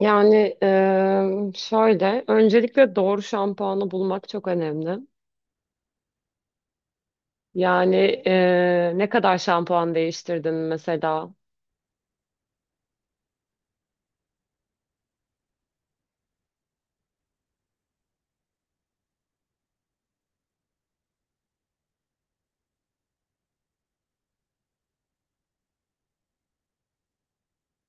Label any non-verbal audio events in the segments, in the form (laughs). Öncelikle doğru şampuanı bulmak çok önemli. Yani Ne kadar şampuan değiştirdin mesela?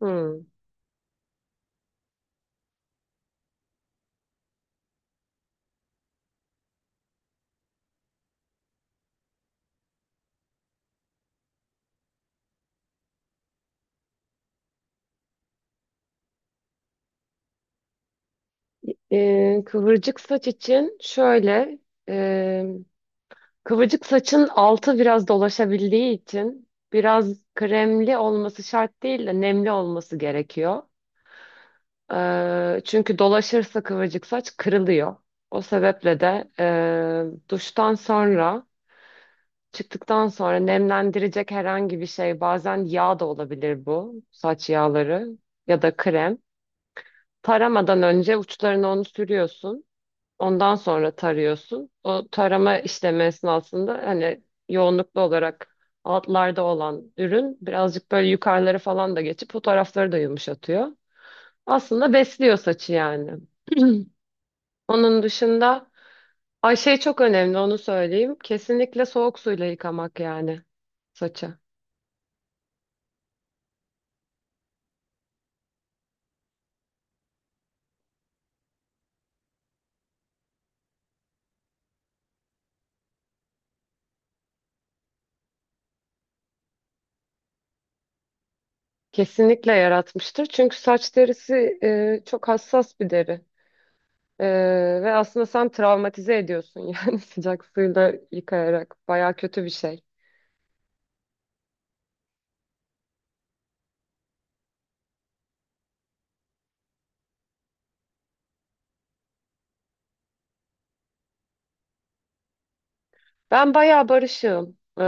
Hmm. Kıvırcık saç için eee, kıvırcık saçın altı biraz dolaşabildiği için biraz kremli olması şart değil de nemli olması gerekiyor. Çünkü dolaşırsa kıvırcık saç kırılıyor. O sebeple de duştan sonra, çıktıktan sonra nemlendirecek herhangi bir şey, bazen yağ da olabilir bu, saç yağları ya da krem. Taramadan önce uçlarına onu sürüyorsun. Ondan sonra tarıyorsun. O tarama işlemi esnasında hani yoğunluklu olarak altlarda olan ürün birazcık böyle yukarıları falan da geçip o tarafları da yumuşatıyor. Aslında besliyor saçı yani. (clears throat) Onun dışında ay şey çok önemli, onu söyleyeyim. Kesinlikle soğuk suyla yıkamak yani saçı. Kesinlikle yaratmıştır. Çünkü saç derisi çok hassas bir deri. E, ve aslında sen travmatize ediyorsun (laughs) yani sıcak suyla yıkayarak. Baya kötü bir şey. Ben baya barışığım. E,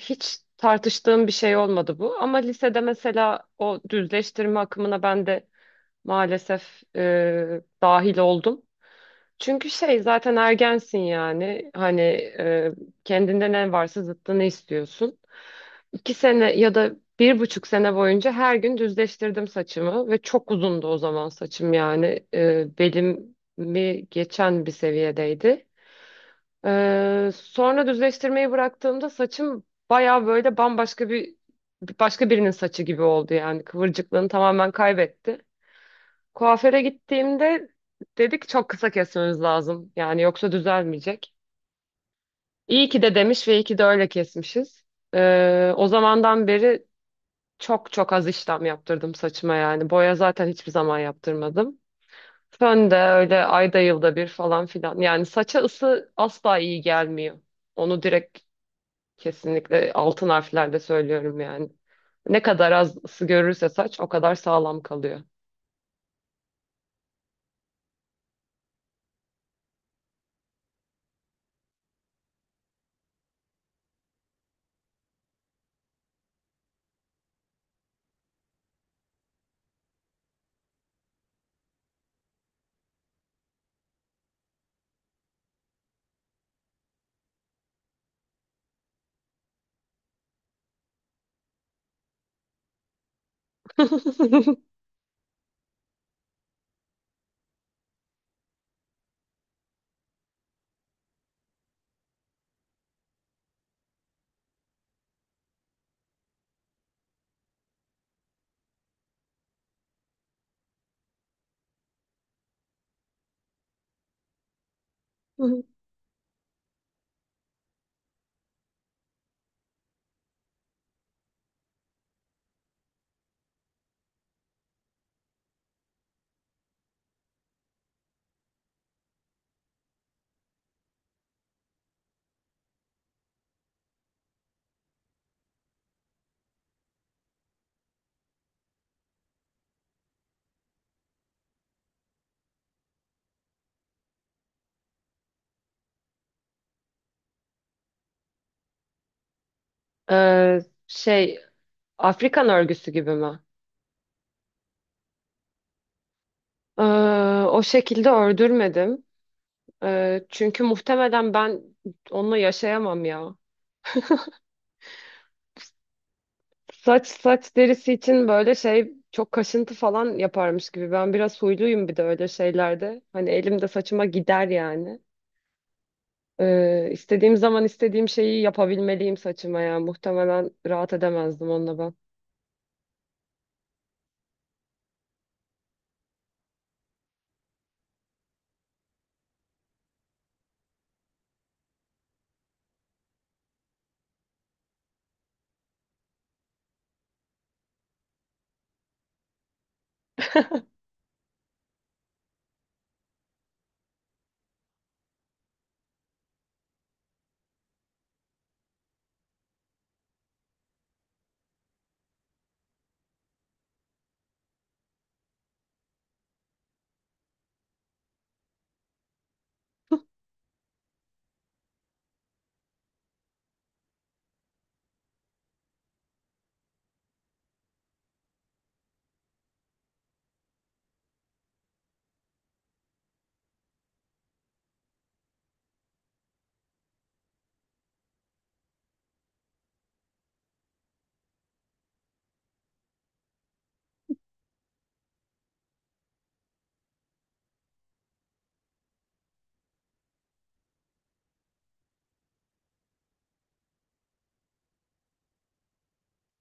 hiç tartıştığım bir şey olmadı bu. Ama lisede mesela o düzleştirme akımına ben de maalesef dahil oldum. Çünkü şey zaten ergensin yani. Hani e, kendinde ne varsa zıttını istiyorsun. 2 sene ya da 1,5 sene boyunca her gün düzleştirdim saçımı ve çok uzundu o zaman saçım yani belimi geçen bir seviyedeydi. Sonra düzleştirmeyi bıraktığımda saçım baya böyle bambaşka, başka birinin saçı gibi oldu yani kıvırcıklığını tamamen kaybetti. Kuaföre gittiğimde dedik çok kısa kesmemiz lazım yani yoksa düzelmeyecek. İyi ki de demiş ve iyi ki de öyle kesmişiz. O zamandan beri çok çok az işlem yaptırdım saçıma yani. Boya zaten hiçbir zaman yaptırmadım. Fön de öyle ayda yılda bir falan filan. Yani saça ısı asla iyi gelmiyor. Onu direkt, kesinlikle altın harflerde söylüyorum yani. Ne kadar az ısı görürse saç o kadar sağlam kalıyor. (laughs) Ee, şey, Afrikan örgüsü gibi mi? Ee, o şekilde ördürmedim. Çünkü muhtemelen ben onunla yaşayamam ya. Saç derisi için böyle şey, çok kaşıntı falan yaparmış gibi. Ben biraz huyluyum bir de öyle şeylerde. Hani elimde saçıma gider yani. İstediğim zaman istediğim şeyi yapabilmeliyim saçıma ya. Muhtemelen rahat edemezdim onunla ben.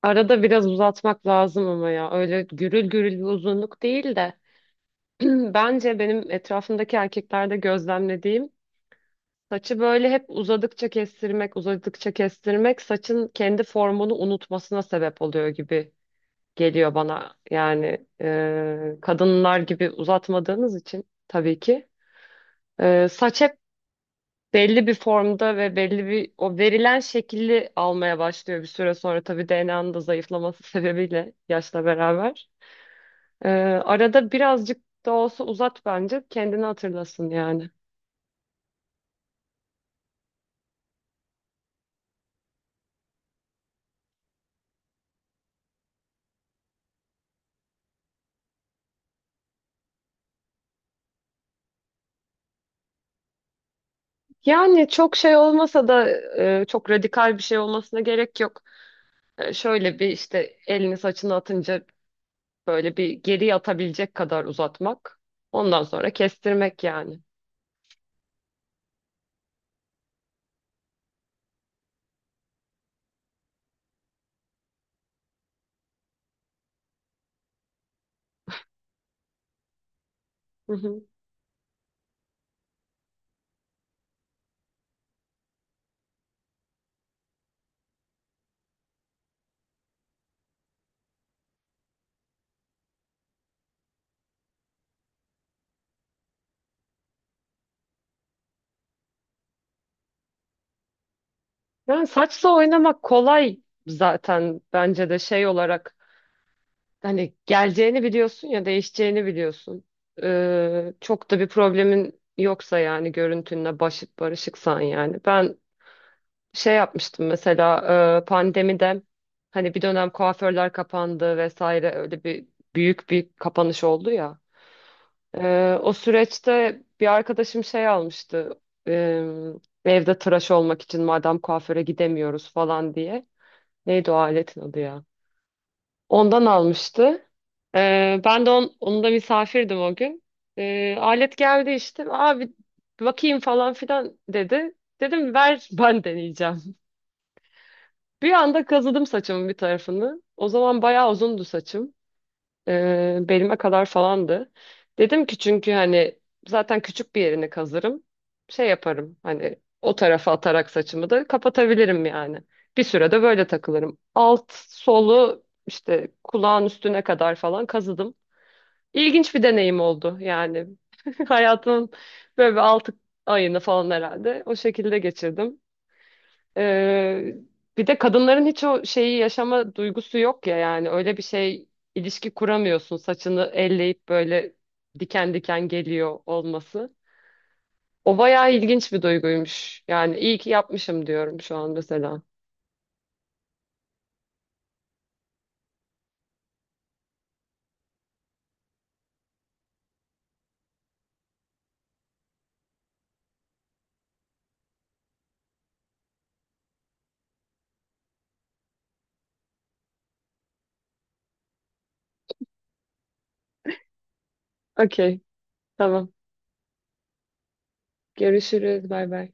Arada biraz uzatmak lazım ama ya. Öyle gürül gürül bir uzunluk değil de. (clears throat) Bence benim etrafımdaki erkeklerde gözlemlediğim, saçı böyle hep uzadıkça kestirmek, uzadıkça kestirmek saçın kendi formunu unutmasına sebep oluyor gibi geliyor bana. Yani kadınlar gibi uzatmadığınız için tabii ki. Saç hep belli bir formda ve belli bir o verilen şekilli almaya başlıyor bir süre sonra. Tabii DNA'nın da zayıflaması (laughs) sebebiyle yaşla beraber. E, arada birazcık da olsa uzat bence, kendini hatırlasın yani. Yani çok şey olmasa da çok radikal bir şey olmasına gerek yok. Şöyle bir işte, elini saçını atınca böyle bir geri atabilecek kadar uzatmak. Ondan sonra kestirmek yani. Hı hı. Yani saçla oynamak kolay zaten, bence de şey olarak hani geleceğini biliyorsun ya, değişeceğini biliyorsun. Çok da bir problemin yoksa yani görüntünle barışıksan yani. Ben şey yapmıştım mesela, pandemide hani bir dönem kuaförler kapandı vesaire, öyle bir büyük bir kapanış oldu ya. O süreçte bir arkadaşım şey almıştı. Ee, Evde tıraş olmak için madem kuaföre gidemiyoruz falan diye. Neydi o aletin adı ya? Ondan almıştı. Ben de on, onun da misafirdim o gün. Alet geldi işte. Abi bakayım falan filan dedi. Dedim ver, (laughs) ben deneyeceğim. Bir anda kazıdım saçımın bir tarafını. O zaman bayağı uzundu saçım, belime kadar falandı. Dedim ki çünkü hani zaten küçük bir yerini kazırım. Şey yaparım hani, o tarafa atarak saçımı da kapatabilirim yani. Bir sürede böyle takılırım. Alt solu işte kulağın üstüne kadar falan kazıdım. İlginç bir deneyim oldu yani. (laughs) Hayatımın böyle bir 6 ayını falan herhalde o şekilde geçirdim. Ee, bir de kadınların hiç o şeyi yaşama duygusu yok ya yani, öyle bir şey, ilişki kuramıyorsun saçını elleyip, böyle diken diken geliyor olması. O bayağı ilginç bir duyguymuş. Yani iyi ki yapmışım diyorum şu an mesela. Okey, tamam. Görüşürüz. Bay bay.